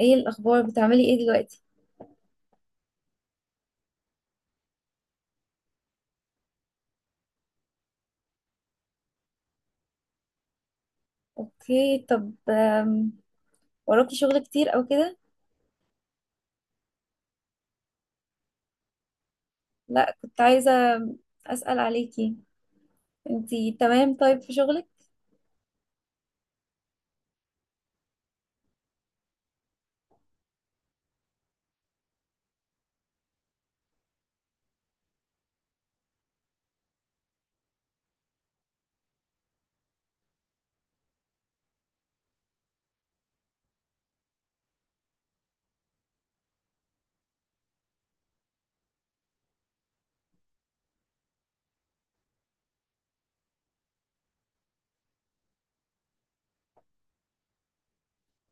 ايه الاخبار؟ بتعملي ايه دلوقتي؟ اوكي. طب آم، وراكي شغل كتير او كده؟ لا، كنت عايزه اسال عليكي. انتي تمام طيب في شغلك؟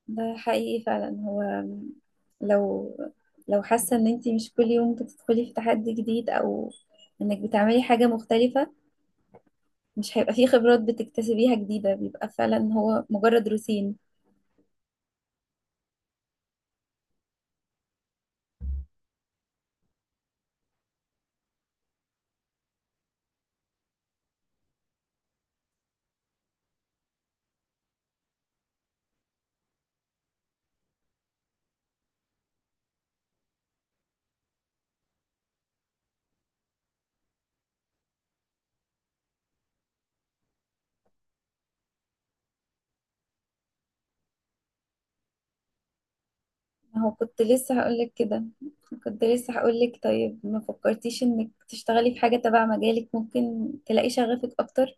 ده حقيقي فعلا. هو آم، لو لو حاسه ان انتي مش كل يوم بتدخلي في تحدي جديد، او انك بتعملي حاجه مختلفه، مش هيبقى فيه خبرات بتكتسبيها جديده، بيبقى فعلا هو مجرد روتين. ما هو كنت لسه هقولك كده، كنت لسه هقولك طيب ما فكرتيش انك تشتغلي في حاجة تبع مجالك؟ ممكن تلاقي شغفك اكتر.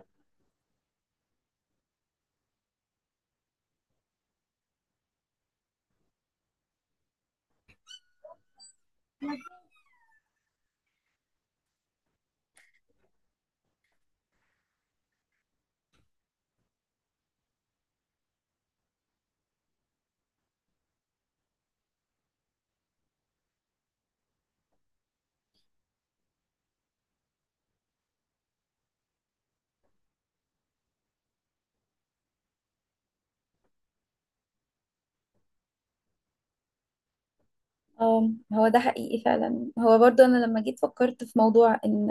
اه، هو ده حقيقي فعلا. هو برضو انا لما جيت فكرت في موضوع ان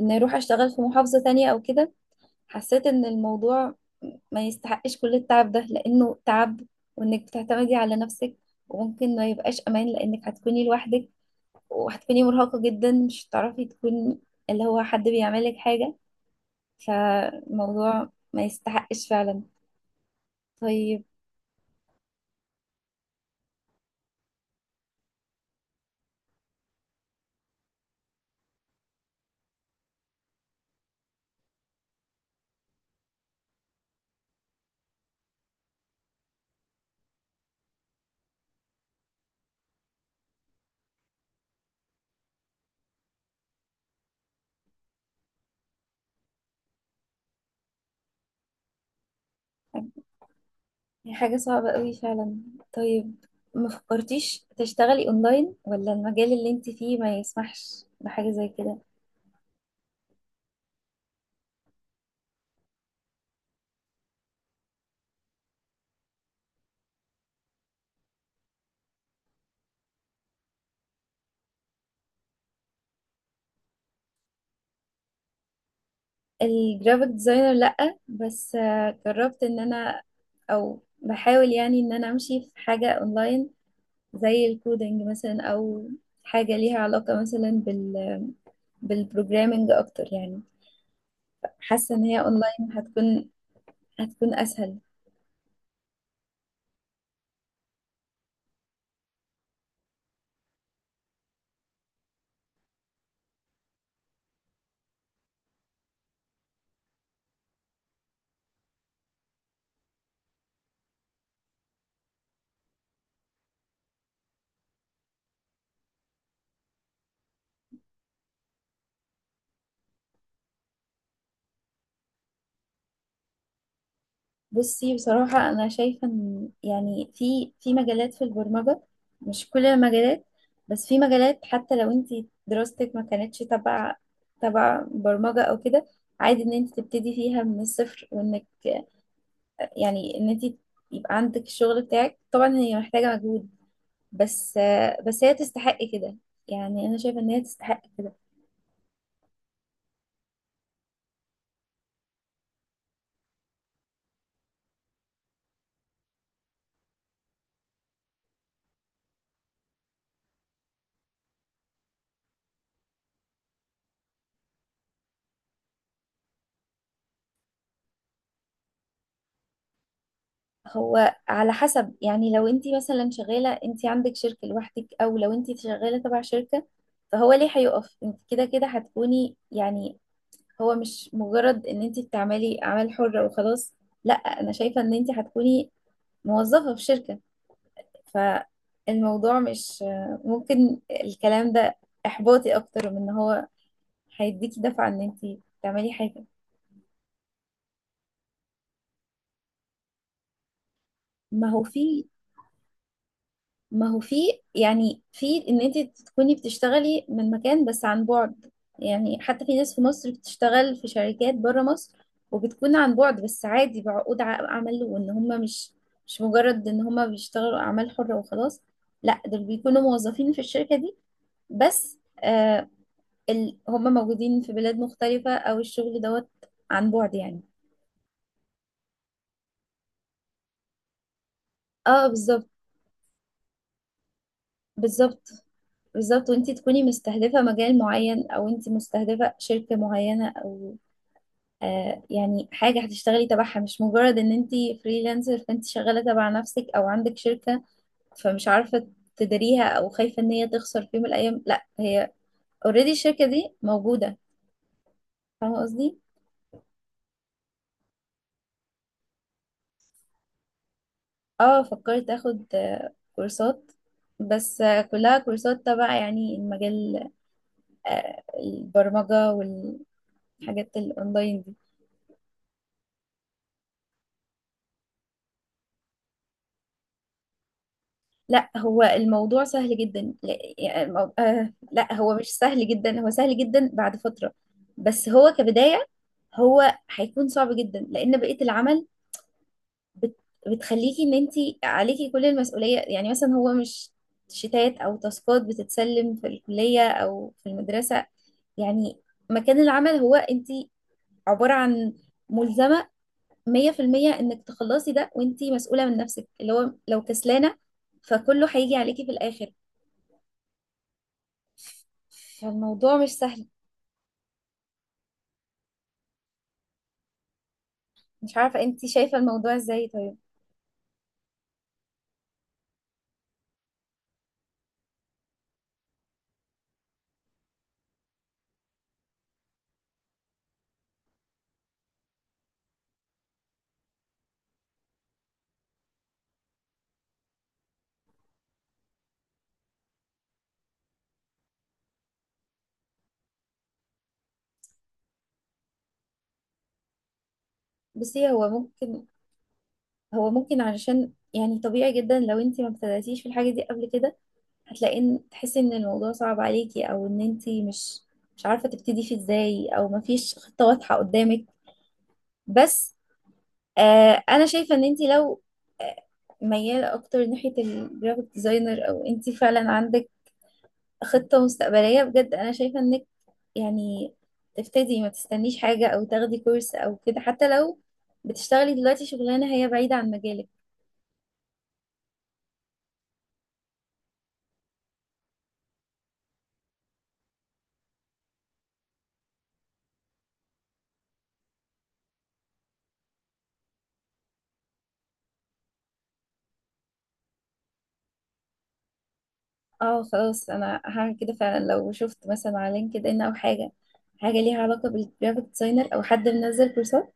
ان اروح اشتغل في محافظة تانية او كده، حسيت ان الموضوع ما يستحقش كل التعب ده، لانه تعب، وانك بتعتمدي على نفسك، وممكن ما يبقاش امان لانك هتكوني لوحدك، وهتكوني مرهقة جدا، مش هتعرفي تكوني اللي هو حد بيعملك حاجة، فالموضوع ما يستحقش فعلا. طيب، هي حاجة صعبة قوي فعلا. طيب ما فكرتيش تشتغلي اونلاين؟ ولا المجال اللي انت فيه ما يسمحش بحاجة زي كده؟ الجرافيك ديزاينر لأ، بس جربت ان انا، او بحاول يعني ان انا امشي في حاجة اونلاين زي الكودينج مثلا، او حاجة ليها علاقة مثلا بال بالبروجرامينج اكتر يعني. حاسة ان هي اونلاين هتكون، هتكون اسهل. بصي بصراحة أنا شايفة إن يعني في مجالات في البرمجة، مش كل المجالات، بس في مجالات حتى لو أنت دراستك ما كانتش تبع برمجة أو كده، عادي إن أنت تبتدي فيها من الصفر، وإنك يعني إن أنت يبقى عندك الشغل بتاعك. طبعا هي محتاجة مجهود، بس بس هي تستحق كده، يعني أنا شايفة إن هي تستحق كده. هو على حسب، يعني لو انت مثلا شغالة، انت عندك شركة لوحدك، او لو انت شغالة تبع شركة، فهو ليه هيقف؟ انت كده كده هتكوني يعني، هو مش مجرد ان انت بتعملي اعمال حرة وخلاص، لا، انا شايفة ان انت هتكوني موظفة في شركة. فالموضوع مش، ممكن الكلام ده احباطي اكتر من ان هو هيديكي دفعة ان انت تعملي حاجة. ما هو في ما هو في يعني في ان انت تكوني بتشتغلي من مكان بس عن بعد، يعني حتى في ناس في مصر بتشتغل في شركات بره مصر، وبتكون عن بعد، بس عادي بعقود عمل، وان هم مش مجرد ان هم بيشتغلوا اعمال حرة وخلاص، لا دول بيكونوا موظفين في الشركة دي. بس آه، ال... هم موجودين في بلاد مختلفة، او الشغل دوت عن بعد يعني. اه بالظبط. بالظبط. بالظبط، وانت تكوني مستهدفة مجال معين، او انت مستهدفة شركة معينة، او آه يعني حاجة هتشتغلي تبعها، مش مجرد ان انت فريلانسر، فانت شغالة تبع نفسك او عندك شركة، فمش عارفة تديريها او خايفة ان هي تخسر في يوم من الايام، لا، هي اوريدي الشركة دي موجودة. فاهمة قصدي؟ اه فكرت اخد آه كورسات، بس آه كلها كورسات تبع يعني المجال، آه البرمجة والحاجات الاونلاين دي. لا، هو الموضوع سهل جدا، لا يعني المو... آه لا، هو مش سهل جدا، هو سهل جدا بعد فترة، بس هو كبداية هو هيكون صعب جدا، لأن بقية العمل بت... بتخليكي إن أنت عليكي كل المسؤولية، يعني مثلا هو مش شتات أو تاسكات بتتسلم في الكلية أو في المدرسة، يعني مكان العمل هو أنت عبارة عن ملزمة 100% إنك تخلصي ده، وأنت مسؤولة من نفسك، اللي هو لو كسلانة فكله هيجي عليكي في الآخر. فالموضوع مش سهل. مش عارفة انت شايفة الموضوع ازاي؟ طيب، بصي، هو ممكن، هو ممكن علشان يعني طبيعي جدا لو انت ما ابتدأتيش في الحاجة دي قبل كده، هتلاقي ان تحسي ان الموضوع صعب عليكي، او ان انت مش عارفة تبتدي فيه ازاي، او ما فيش خطة واضحة قدامك. بس آه انا شايفة ان انت لو آه، ميالة اكتر ناحية الجرافيك ديزاينر، او انت فعلا عندك خطة مستقبلية بجد، أنا شايفة إنك يعني تبتدي، ما تستنيش حاجة أو تاخدي كورس أو كده، حتى لو بتشتغلي دلوقتي شغلانة هي بعيدة عن مجالك. اه خلاص، أنا هعمل كده فعلا. لو شفت مثلا على لينكد إن أو حاجة، حاجة ليها علاقة بالجرافيك ديزاينر، أو حد منزل كورسات،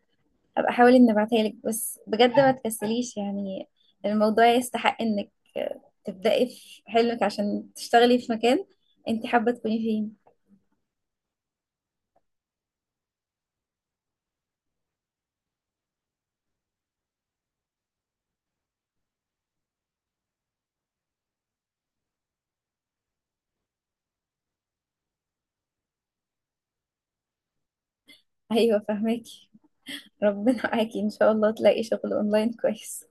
أبقى أحاول إني أبعتها لك. بس بجد ما تكسليش يعني، الموضوع يستحق إنك تبدأي في حلمك، عشان تشتغلي في مكان أنت حابة تكوني فيه. أيوة، فاهمك. ربنا معاكي، ان شاء الله تلاقي شغل اونلاين كويس.